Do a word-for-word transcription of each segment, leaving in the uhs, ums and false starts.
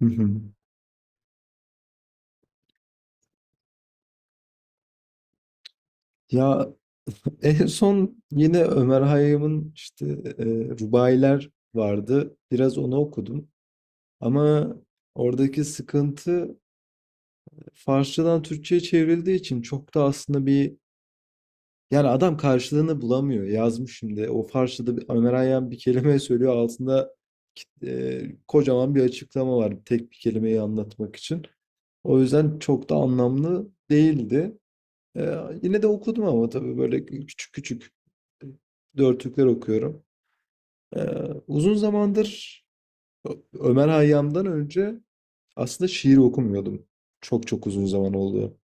Hı hı. Ya en son yine Ömer Hayyam'ın işte e, Rubailer vardı. Biraz onu okudum. Ama oradaki sıkıntı, Farsçadan Türkçe'ye çevrildiği için çok da aslında bir yani adam karşılığını bulamıyor. Yazmış şimdi. O Farsçada bir, Ömer Hayyam bir kelime söylüyor. Altında e, kocaman bir açıklama var. Tek bir kelimeyi anlatmak için. O yüzden çok da anlamlı değildi. Eee, yine de okudum ama tabii böyle küçük küçük dörtlükler okuyorum. Eee, uzun zamandır Ö- Ömer Hayyam'dan önce aslında şiir okumuyordum. Çok çok uzun zaman oldu.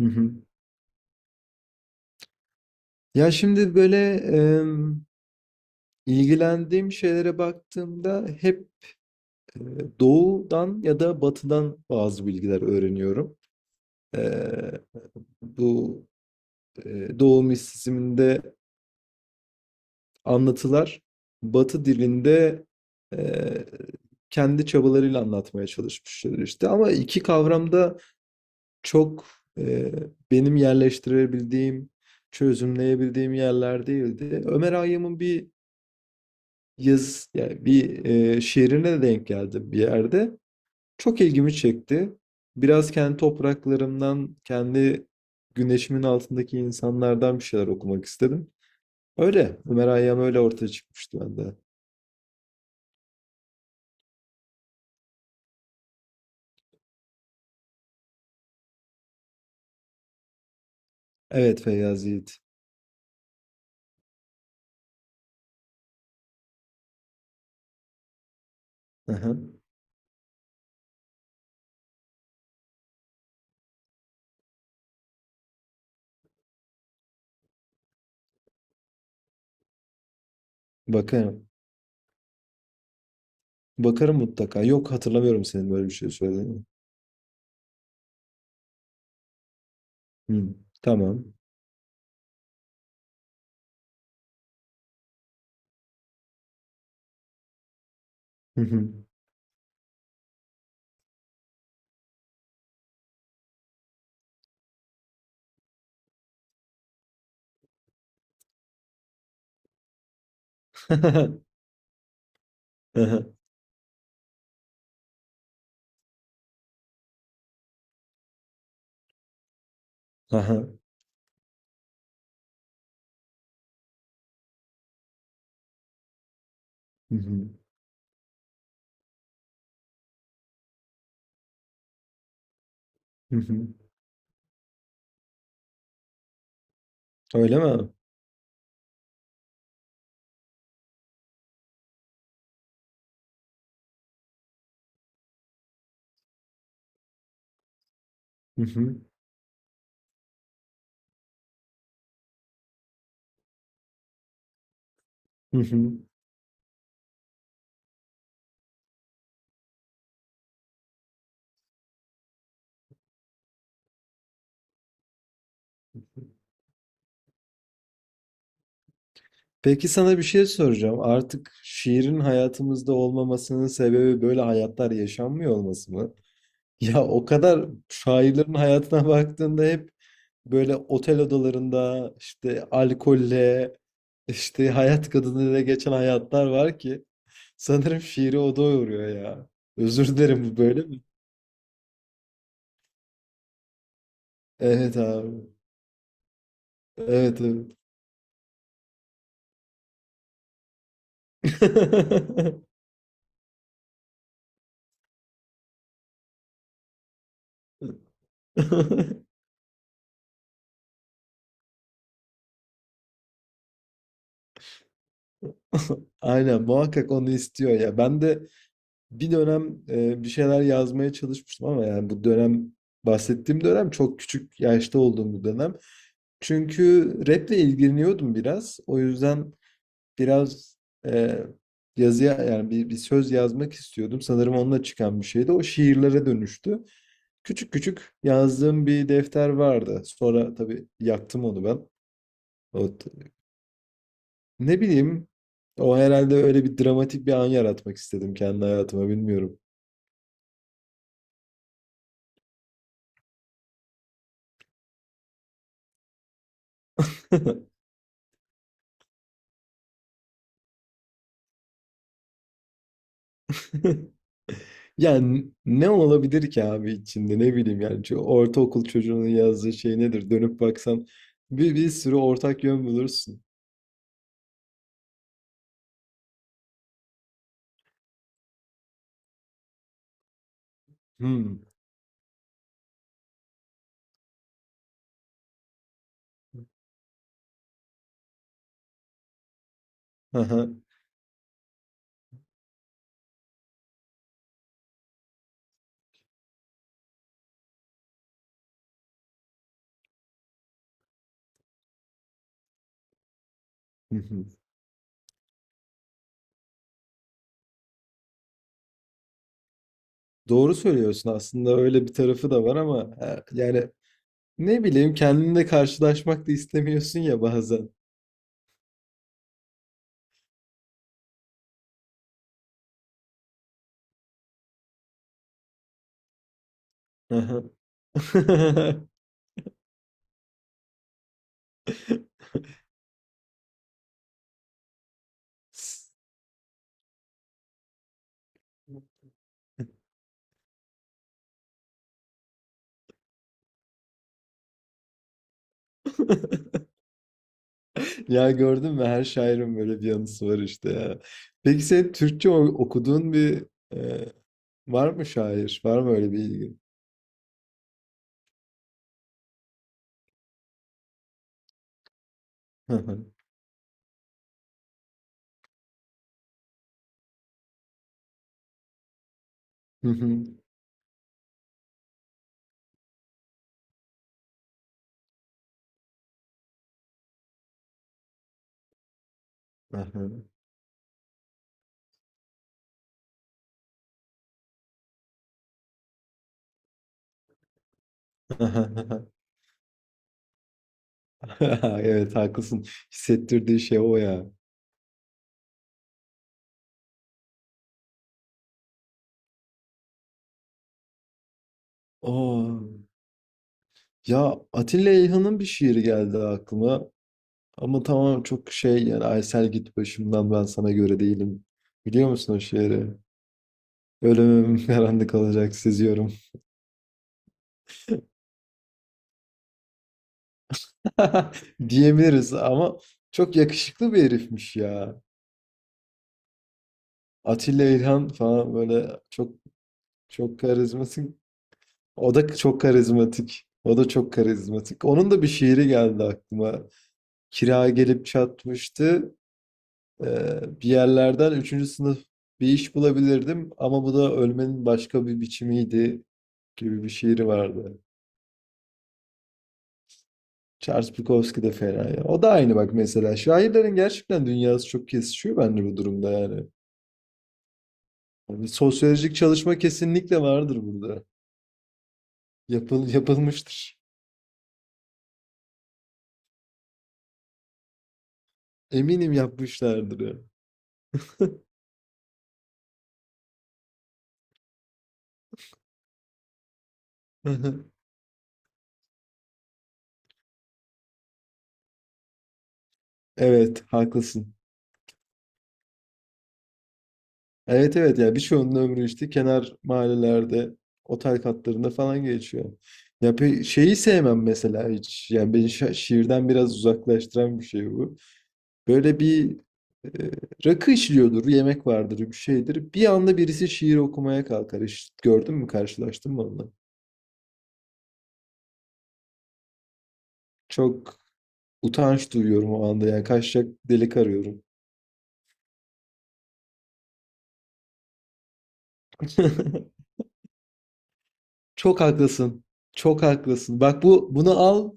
Hı hı. Ya şimdi böyle em, ilgilendiğim şeylere baktığımda hep e, doğudan ya da batıdan bazı bilgiler öğreniyorum. Eee, Bu e, doğu mistisizminde anlatılar, Batı dilinde eee, kendi çabalarıyla anlatmaya çalışmışlar işte. Ama iki kavramda çok eee, benim yerleştirebildiğim, çözümleyebildiğim yerler değildi. Ömer Hayyam'ın bir yaz, yani bir eee, şiirine denk geldim bir yerde. Çok ilgimi çekti. Biraz kendi topraklarımdan, kendi güneşimin altındaki insanlardan bir şeyler okumak istedim. Öyle. Ömer Hayyam öyle ortaya çıkmıştı bende. Evet, Feyyaz Yiğit. Hı. Bakarım. Bakarım mutlaka. Yok, hatırlamıyorum senin böyle bir şey söylediğini. Hı. Tamam. Hı hı. Hı. Aha. Hı hı. Hı hı. Öyle mi? Hı hı. Hı hı. Peki sana bir şey soracağım. Artık şiirin hayatımızda olmamasının sebebi böyle hayatlar yaşanmıyor olması mı? Ya o kadar şairlerin hayatına baktığında hep böyle otel odalarında işte alkolle, işte hayat kadınıyla geçen hayatlar var ki sanırım şiiri o doyuruyor ya. Özür dilerim, bu böyle mi? Evet abi. Evet evet. Aynen, muhakkak onu istiyor ya. Ben de bir dönem e, bir şeyler yazmaya çalışmıştım ama yani bu dönem, bahsettiğim dönem çok küçük yaşta olduğum bir dönem. Çünkü raple ilgileniyordum biraz. O yüzden biraz e, yazıya, yani bir, bir söz yazmak istiyordum. Sanırım onunla çıkan bir şeydi. O şiirlere dönüştü. Küçük küçük yazdığım bir defter vardı. Sonra tabii yaktım onu ben. O, t- Ne bileyim, o herhalde, öyle bir dramatik bir an yaratmak istedim kendi hayatıma, bilmiyorum. Yani ne olabilir ki abi içinde, ne bileyim yani, çünkü ortaokul çocuğunun yazdığı şey nedir dönüp baksan, bir, bir sürü ortak yön bulursun. Hmm. Aha, hı hı. Doğru söylüyorsun, aslında öyle bir tarafı da var ama e, yani ne bileyim, kendinle karşılaşmak da istemiyorsun ya bazen. Aha. Ya gördün mü, her şairin böyle bir yanısı var işte ya. Peki sen Türkçe o- okuduğun bir e, var mı şair? Var mı öyle bir ilgin? Hı hı. Hı hı. Hı hı. Hı hı. Evet haklısın. Hissettirdiği şey o ya. Oo. Ya Atilla İlhan'ın bir şiiri geldi aklıma. Ama tamam çok şey, yani "Aysel git başımdan ben sana göre değilim." Biliyor musun o şiiri? "Ölümüm karanlık olacak seziyorum." Diyebiliriz ama çok yakışıklı bir herifmiş ya. Atilla İlhan falan, böyle çok, çok karizması. O da çok karizmatik. O da çok karizmatik. Onun da bir şiiri geldi aklıma. "Kira gelip çatmıştı. Ee, bir yerlerden üçüncü sınıf bir iş bulabilirdim ama bu da ölmenin başka bir biçimiydi" gibi bir şiiri vardı. Charles Bukowski de fena ya. O da aynı bak mesela. Şairlerin gerçekten dünyası çok kesişiyor bence bu durumda yani. Yani bir sosyolojik çalışma kesinlikle vardır burada. Yapıl yapılmıştır. Eminim yapmışlardır ya. Evet, haklısın. Evet evet, ya birçoğunun ömrü işte kenar mahallelerde, otel katlarında falan geçiyor. Ya pe şeyi sevmem mesela hiç. Yani beni şa- şiirden biraz uzaklaştıran bir şey bu. Böyle bir e, rakı içiliyordur, yemek vardır, bir şeydir. Bir anda birisi şiir okumaya kalkar. Hiç gördün mü, karşılaştın mı onunla? Çok utanç duyuyorum o anda. Yani kaçacak delik arıyorum. Çok haklısın. Çok haklısın. Bak bu, bunu al.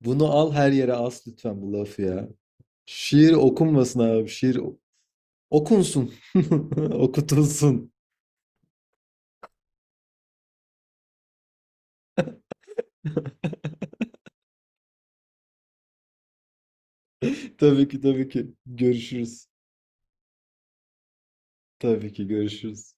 Bunu al, her yere as lütfen bu lafı ya. Şiir okunmasın abi. Şiir o- okunsun. Okutulsun. Tabii ki, tabii ki. Görüşürüz. Tabii ki görüşürüz.